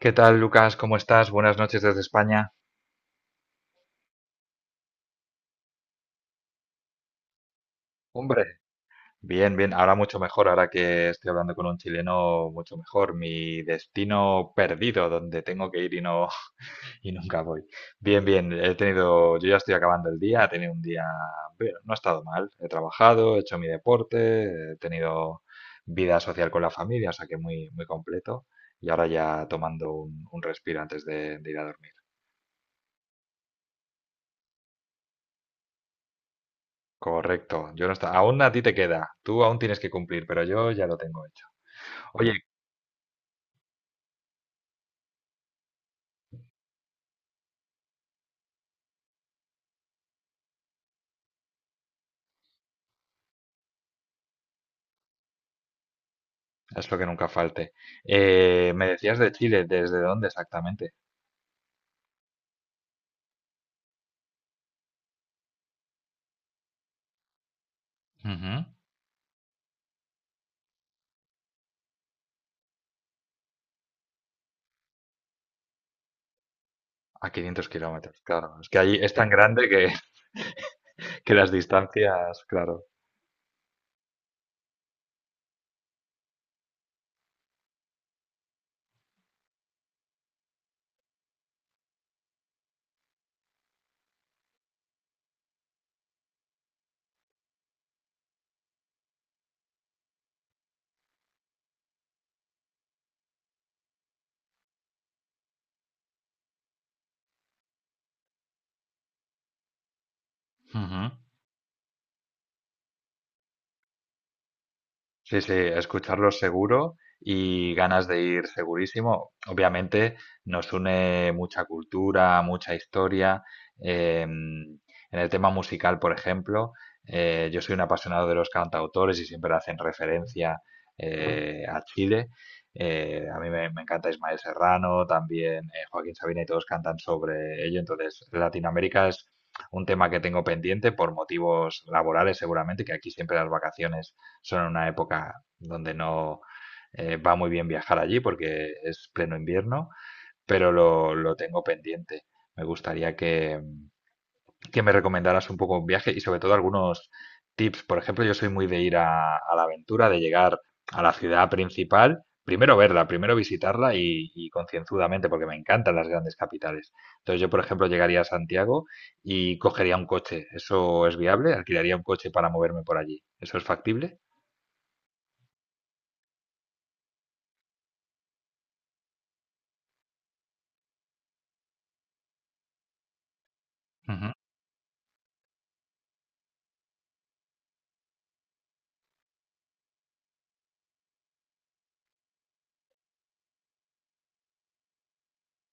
¿Qué tal, Lucas? ¿Cómo estás? Buenas noches desde España. Hombre, bien, bien. Ahora mucho mejor, ahora que estoy hablando con un chileno, mucho mejor. Mi destino perdido, donde tengo que ir y no y nunca voy. Bien, bien. He tenido, yo ya estoy acabando el día. He tenido un día, bueno, no ha estado mal. He trabajado, he hecho mi deporte, he tenido vida social con la familia, o sea que muy, muy completo. Y ahora ya tomando un respiro antes de ir a dormir. Correcto, yo no está. Aún a ti te queda, tú aún tienes que cumplir, pero yo ya lo tengo hecho. Oye, es lo que nunca falte. Me decías de Chile, ¿desde dónde exactamente? Ujú. A 500 kilómetros, claro. Es que allí es tan grande que, que las distancias, claro. Sí, sí, escucharlo seguro y ganas de ir segurísimo. Obviamente nos une mucha cultura, mucha historia. En el tema musical, por ejemplo, yo soy un apasionado de los cantautores y siempre hacen referencia a Chile. A mí me encanta Ismael Serrano, también Joaquín Sabina y todos cantan sobre ello. Entonces, Latinoamérica es un tema que tengo pendiente por motivos laborales seguramente, que aquí siempre las vacaciones son una época donde no va muy bien viajar allí porque es pleno invierno, pero lo tengo pendiente. Me gustaría que me recomendaras un poco un viaje y sobre todo algunos tips. Por ejemplo, yo soy muy de ir a la aventura, de llegar a la ciudad principal, primero verla, primero visitarla y concienzudamente, porque me encantan las grandes capitales. Entonces yo, por ejemplo, llegaría a Santiago y cogería un coche. ¿Eso es viable? ¿Alquilaría un coche para moverme por allí? ¿Eso es factible?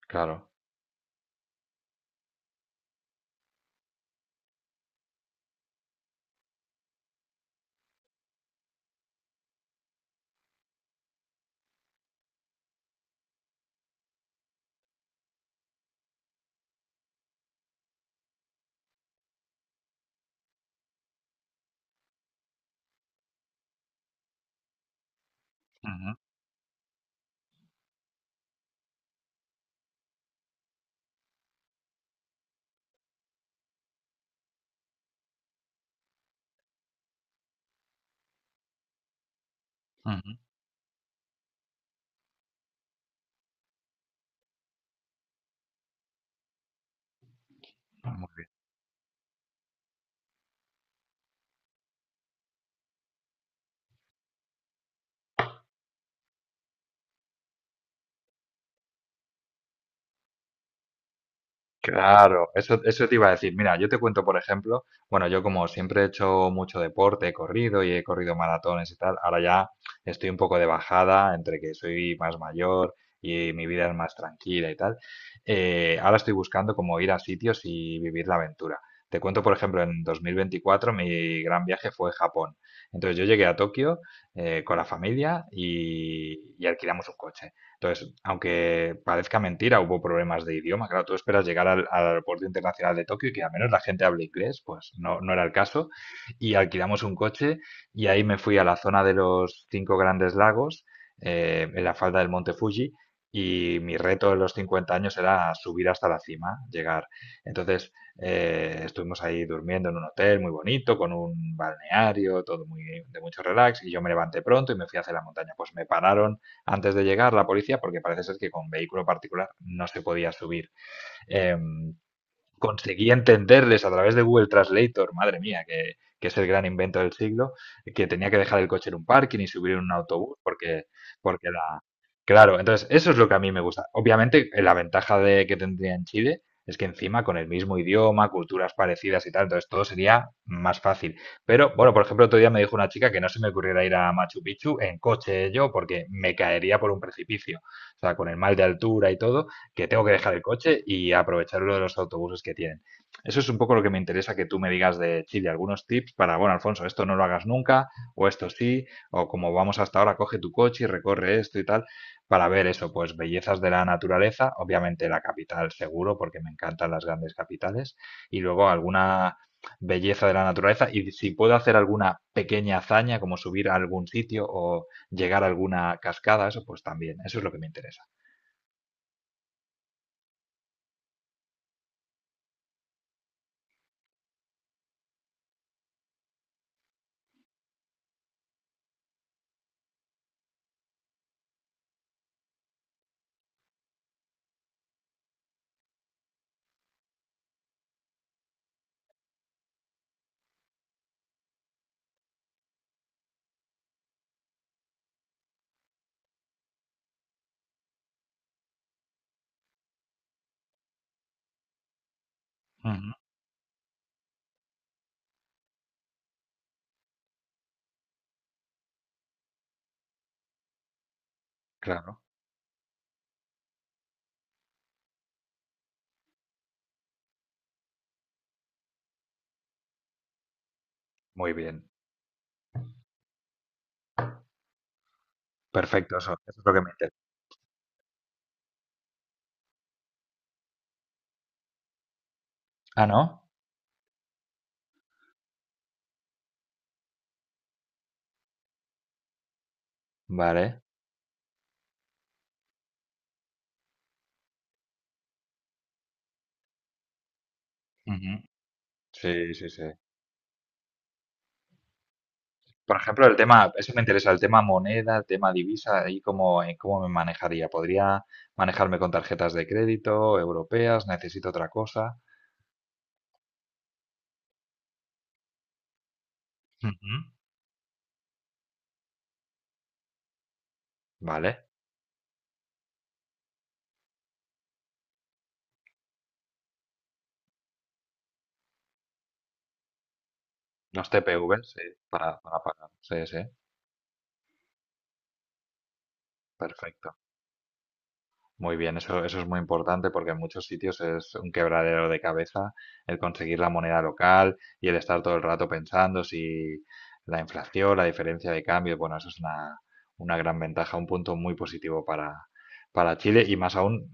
Claro. Ujú, ujú, muy bien. Claro, eso te iba a decir. Mira, yo te cuento, por ejemplo, bueno, yo como siempre he hecho mucho deporte, he corrido y he corrido maratones y tal, ahora ya estoy un poco de bajada entre que soy más mayor y mi vida es más tranquila y tal. Ahora estoy buscando como ir a sitios y vivir la aventura. Te cuento, por ejemplo, en 2024 mi gran viaje fue Japón. Entonces yo llegué a Tokio con la familia y alquilamos un coche. Entonces, aunque parezca mentira, hubo problemas de idioma. Claro, tú esperas llegar al aeropuerto internacional de Tokio y que al menos la gente hable inglés, pues no, no era el caso. Y alquilamos un coche y ahí me fui a la zona de los cinco grandes lagos, en la falda del Monte Fuji, y mi reto de los 50 años era subir hasta la cima, llegar. Entonces, estuvimos ahí durmiendo en un hotel muy bonito, con un balneario, todo muy de mucho relax, y yo me levanté pronto y me fui hacia la montaña. Pues me pararon antes de llegar la policía, porque parece ser que con vehículo particular no se podía subir. Eh, conseguía entenderles a través de Google Translator, madre mía, que es el gran invento del siglo, que tenía que dejar el coche en un parking y subir en un autobús porque la... Claro, entonces eso es lo que a mí me gusta. Obviamente, la ventaja de que tendría en Chile es que encima con el mismo idioma, culturas parecidas y tal, entonces todo sería más fácil. Pero, bueno, por ejemplo, otro día me dijo una chica que no se me ocurriera ir a Machu Picchu en coche yo porque me caería por un precipicio. O sea, con el mal de altura y todo, que tengo que dejar el coche y aprovechar uno de los autobuses que tienen. Eso es un poco lo que me interesa que tú me digas de Chile, algunos tips para, bueno, Alfonso, esto no lo hagas nunca, o esto sí, o como vamos hasta ahora, coge tu coche y recorre esto y tal, para ver eso, pues bellezas de la naturaleza, obviamente la capital seguro, porque me encantan las grandes capitales, y luego alguna belleza de la naturaleza y si puedo hacer alguna pequeña hazaña como subir a algún sitio o llegar a alguna cascada, eso pues también, eso es lo que me interesa. Ujú. Claro. Muy bien. Perfecto, eso es lo que me interesa. Ah, ¿no? Vale. Ujú. Sí, sí, sí. Por ejemplo, el tema, eso me interesa, el tema moneda, el tema divisa, ahí cómo me manejaría. ¿Podría manejarme con tarjetas de crédito europeas? ¿Necesito otra cosa? Ujú. Vale. Los TPV sí, para pagar. Sí, sí, perfecto. Muy bien, eso es muy importante porque en muchos sitios es un quebradero de cabeza el conseguir la moneda local y el estar todo el rato pensando si la inflación, la diferencia de cambio, bueno, eso es una gran ventaja, un punto muy positivo para Chile y más aún,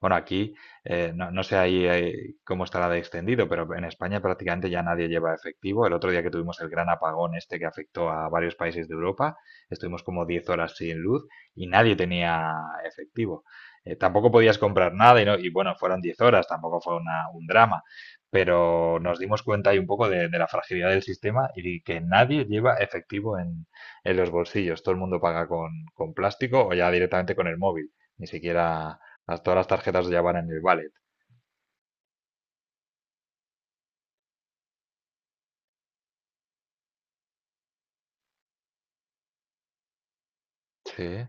bueno, aquí no, no sé ahí cómo estará de extendido, pero en España prácticamente ya nadie lleva efectivo. El otro día que tuvimos el gran apagón este que afectó a varios países de Europa, estuvimos como 10 horas sin luz y nadie tenía efectivo. Tampoco podías comprar nada y, no, y bueno, fueron 10 horas, tampoco fue un drama, pero nos dimos cuenta ahí un poco de la fragilidad del sistema y que nadie lleva efectivo en los bolsillos. Todo el mundo paga con plástico o ya directamente con el móvil. Ni siquiera todas las tarjetas ya van en el wallet. Sí.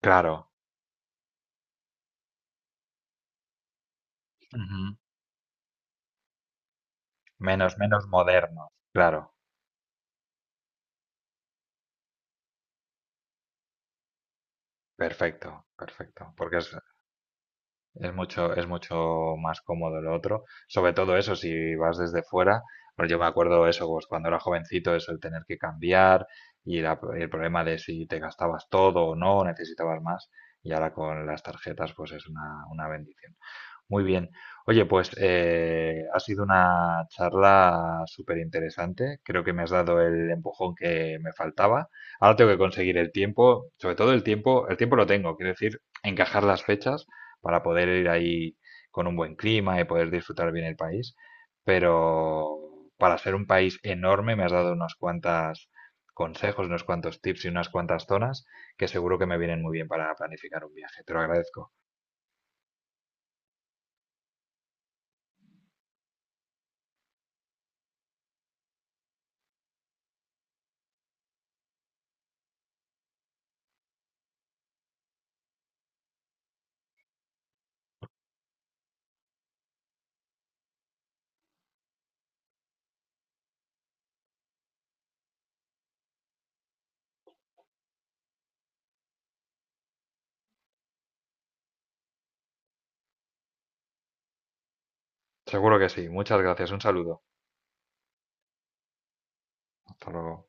Claro. Ujú. Menos, menos moderno. Claro. Perfecto, perfecto. Porque es mucho más cómodo lo otro. Sobre todo eso, si vas desde fuera. Bueno, yo me acuerdo eso, pues cuando era jovencito, eso, el tener que cambiar y el problema de si te gastabas todo o no, necesitabas más. Y ahora con las tarjetas, pues es una bendición. Muy bien. Oye, pues ha sido una charla súper interesante. Creo que me has dado el empujón que me faltaba. Ahora tengo que conseguir el tiempo, sobre todo el tiempo lo tengo, quiero decir, encajar las fechas para poder ir ahí con un buen clima y poder disfrutar bien el país. Pero para ser un país enorme me has dado unos cuantos consejos, unos cuantos tips y unas cuantas zonas que seguro que me vienen muy bien para planificar un viaje. Te lo agradezco. Seguro que sí. Muchas gracias. Un saludo. Hasta luego.